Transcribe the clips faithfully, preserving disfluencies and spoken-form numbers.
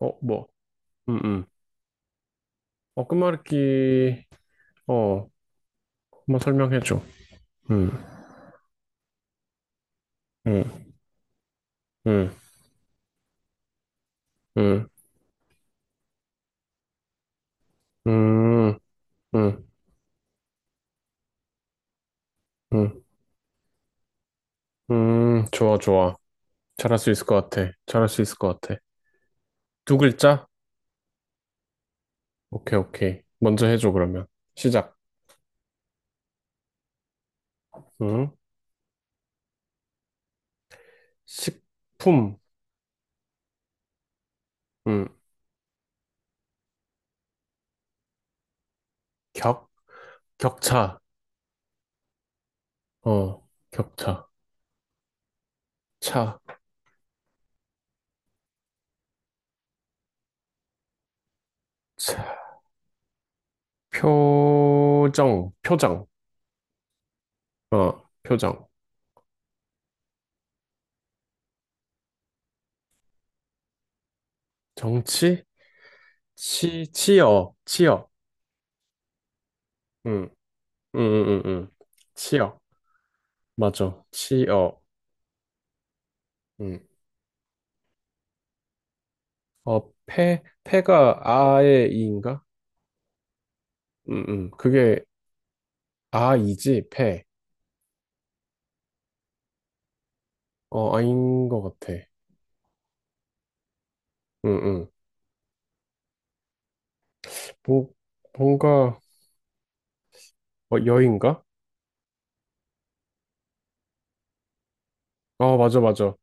어, 뭐, 응, 응. 어, 끝말잇기, 어, 한번 설명해줘. 음, 음, 음, 음, 음, 음, 음, 음, 좋아, 좋아. 잘할 수 있을 것 같아. 잘할 수 있을 것 같아. 두 글자? 오케이, 오케이. 먼저 해줘, 그러면. 시작. 음, 식품, 음, 격, 격차, 어, 격차, 차, 차, 표정, 표정, 어, 표정. 정치, 치, 치어, 치어. 음. 응응응응. 치어. 맞아. 치어. 응. 어, 폐, 폐가 아의 이인가? 응응. 그게 아이지, 폐. 어, 아인 것 같아. 응응. 뭐, 뭔가, 어, 여인가? 어, 맞아, 맞아.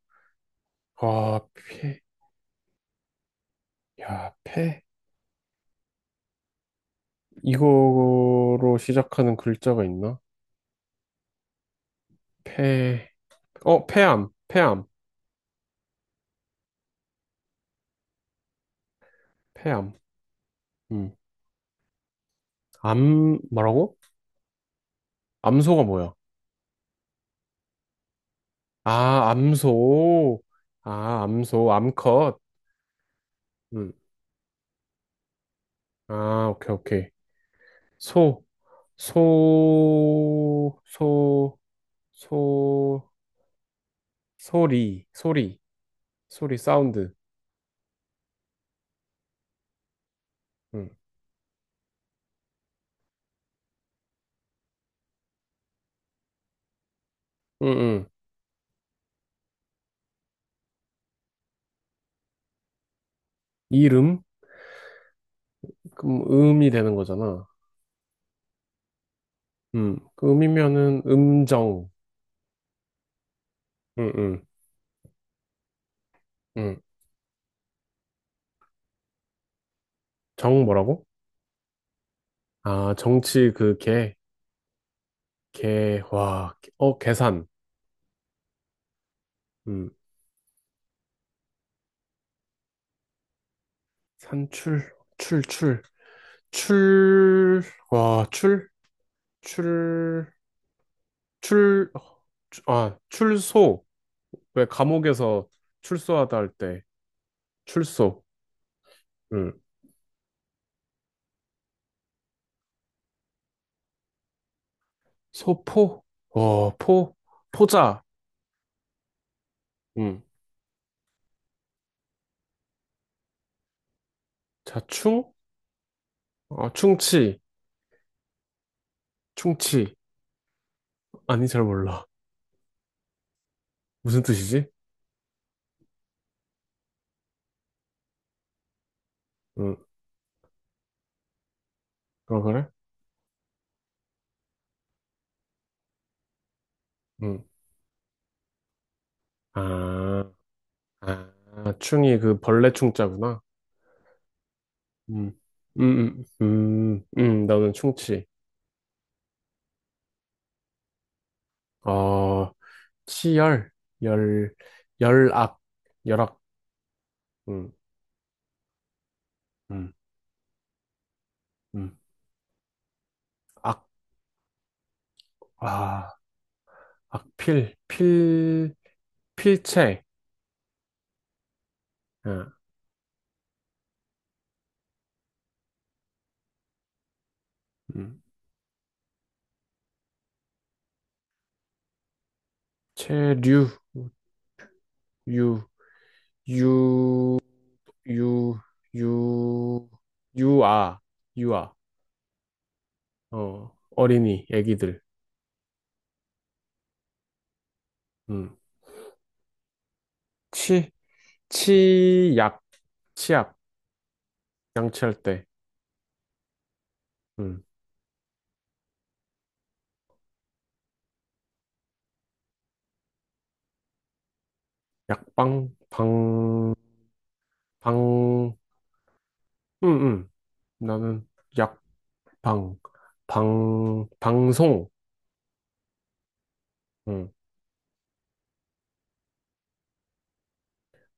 아, 폐. 야, 폐. 이거로 시작하는 글자가 있나? 폐. 어, 폐암. 폐암. 폐암. 음. 암, 뭐라고? 암소가 뭐야? 아, 암소. 아, 암소, 암컷. 음. 아, 오케이, 오케이. 소, 소, 소, 소, 소리, 소리, 소리, 사운드. 음. 음, 음. 이름? 그럼 음이 되는 거잖아. 음. 그 음이면은 음정. 음, 음, 음. 정 뭐라고? 아, 정치 그 개, 개, 와, 개- 어, 계산. 음. 산출, 출, 출, 출, 와, 출? 출, 출, 어, 추- 아, 출소. 왜 감옥에서 출소하다 할 때, 출소. 응. 소포? 어, 포? 포자. 응. 자, 충? 어, 충치. 충치. 아니, 잘 몰라. 무슨 뜻이지? 응. 어, 그래? 응. 아, 아, 충이 그 벌레 충자구나. 음, 음, 음, 음, 음, 나는 충치. 어, 치열, 열, 열악, 열악. 음, 음. 악, 아, 악필, 필, 필체, 어, 음. 체류, 유, 유, 유, 유, 유아, 유아, 어, 어린이, 애기들, 음. 치, 치약, 치약, 양치할 때, 음. 약방, 방, 방, 음, 음. 나는 약방, 방, 방송, 음.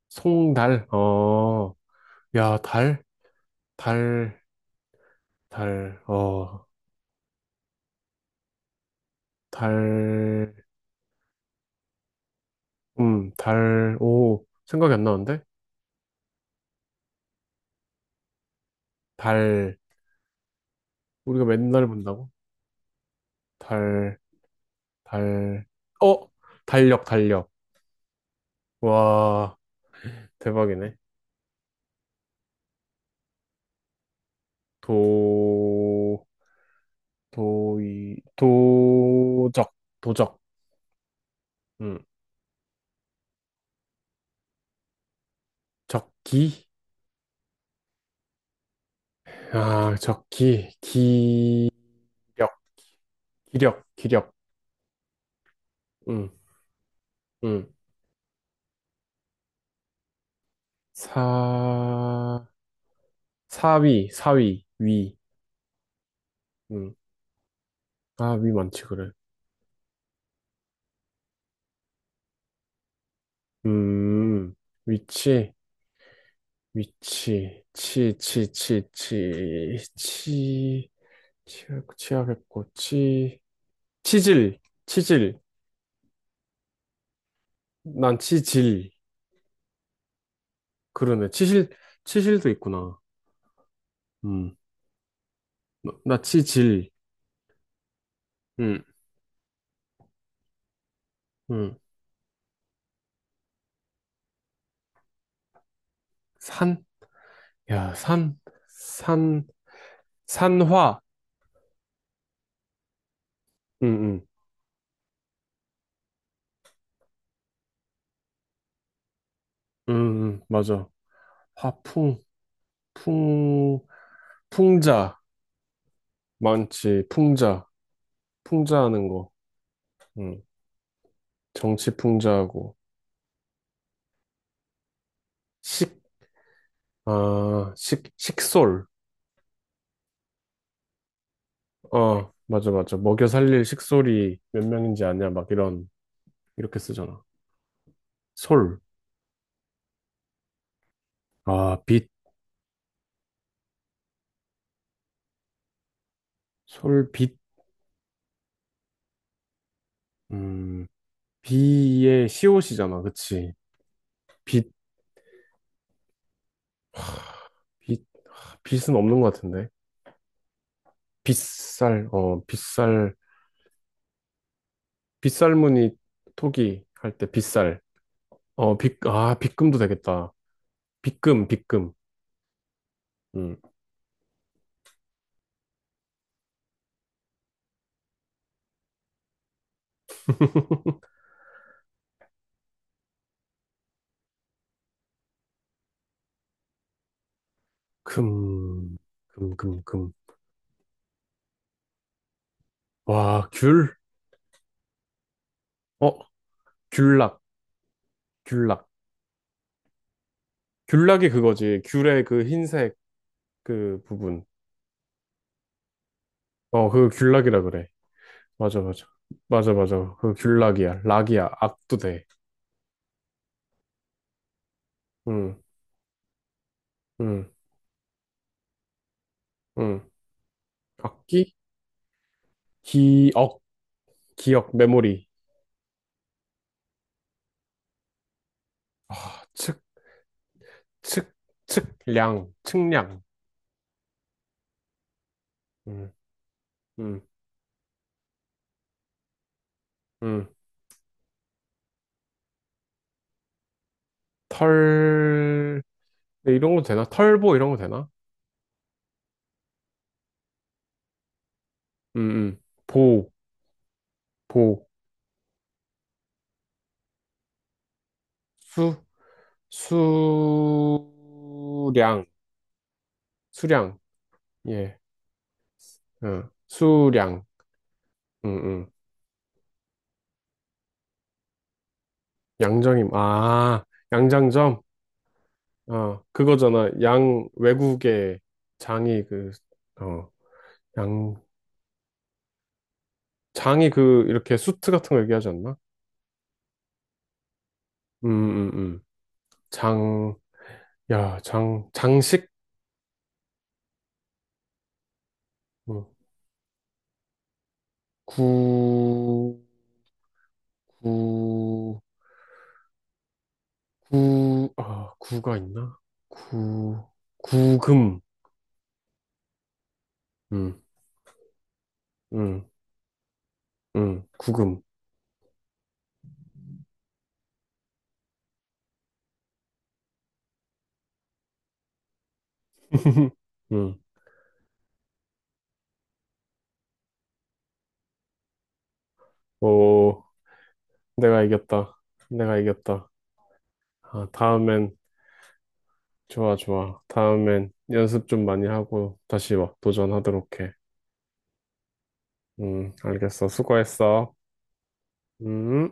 송달, 어. 야, 달? 달, 달, 어, 달, 음, 달, 오, 생각이 안 나는데? 달, 우리가 맨날 본다고? 달, 달, 어? 달력, 달력. 와, 대박이네. 도, 도이, 도적, 도적, 음, 적기? 아, 적기, 기력, 기력, 기력, 음, 음, 사, 사위, 사위, 위. 음. 아, 위 많지, 그래. 음, 위치, 위치, 치, 치, 치, 치, 치, 치약, 치약했고, 치, 치질, 치질, 난 치질. 그러네. 치실, 치실도 있구나. 음, 나, 나 치질. 음, 음, 산, 야, 산, 산, 산화. 음, 음, 음, 음, 맞아. 화풍, 풍, 풍자. 많지, 풍자. 풍자하는 거. 음. 정치풍자하고 식, 아, 식, 식솔. 어, 맞아, 맞아. 먹여 살릴 식솔이 몇 명인지 아냐? 막 이런, 이렇게 쓰잖아. 솔. 아, 빛. 솔, 빛. 음, 비의 시옷이잖아. 그치? 빛, 빛. 아, 빛은 없는 것 같은데. 빗살, 어, 빗살. 빗살무늬 토기 할 때 빗살. 어, 빗, 아, 빗금도 되겠다. 빗금, 빗금. 음. 금, 금, 금, 금. 와, 귤? 어, 귤락, 귤락. 귤락이 그거지. 귤의 그 흰색 그 부분. 어, 그거 귤락이라 그래. 맞아, 맞아. 맞아, 맞아. 그 귤락이야. 락이야. 악도 돼. 응, 응, 응. 악기? 기억, 기억, 메모리. 아, 측, 측, 측량, 측량. 응, 응, 응. 털, 네, 이런 거 되나? 털보 이런 거 되나? 응, 응. 보, 보, 수, 수량, 수량, 예, 어, 수량, 응, 응. 양정임, 아, 양장점, 어, 그거잖아. 양, 외국의 장이 그, 어, 양, 장이 그, 이렇게 수트 같은 거 얘기하지 않나? 음, 음, 음. 장, 야, 장, 장식? 어, 구, 구, 구, 아, 구가 있나? 구, 구금, 음, 음, 음, 구금. 응. 오, 내가 이겼다. 내가 이겼다. 아, 다음엔, 좋아, 좋아. 다음엔 연습 좀 많이 하고 다시 와, 도전하도록 해. 음, 알겠어. 수고했어. 음.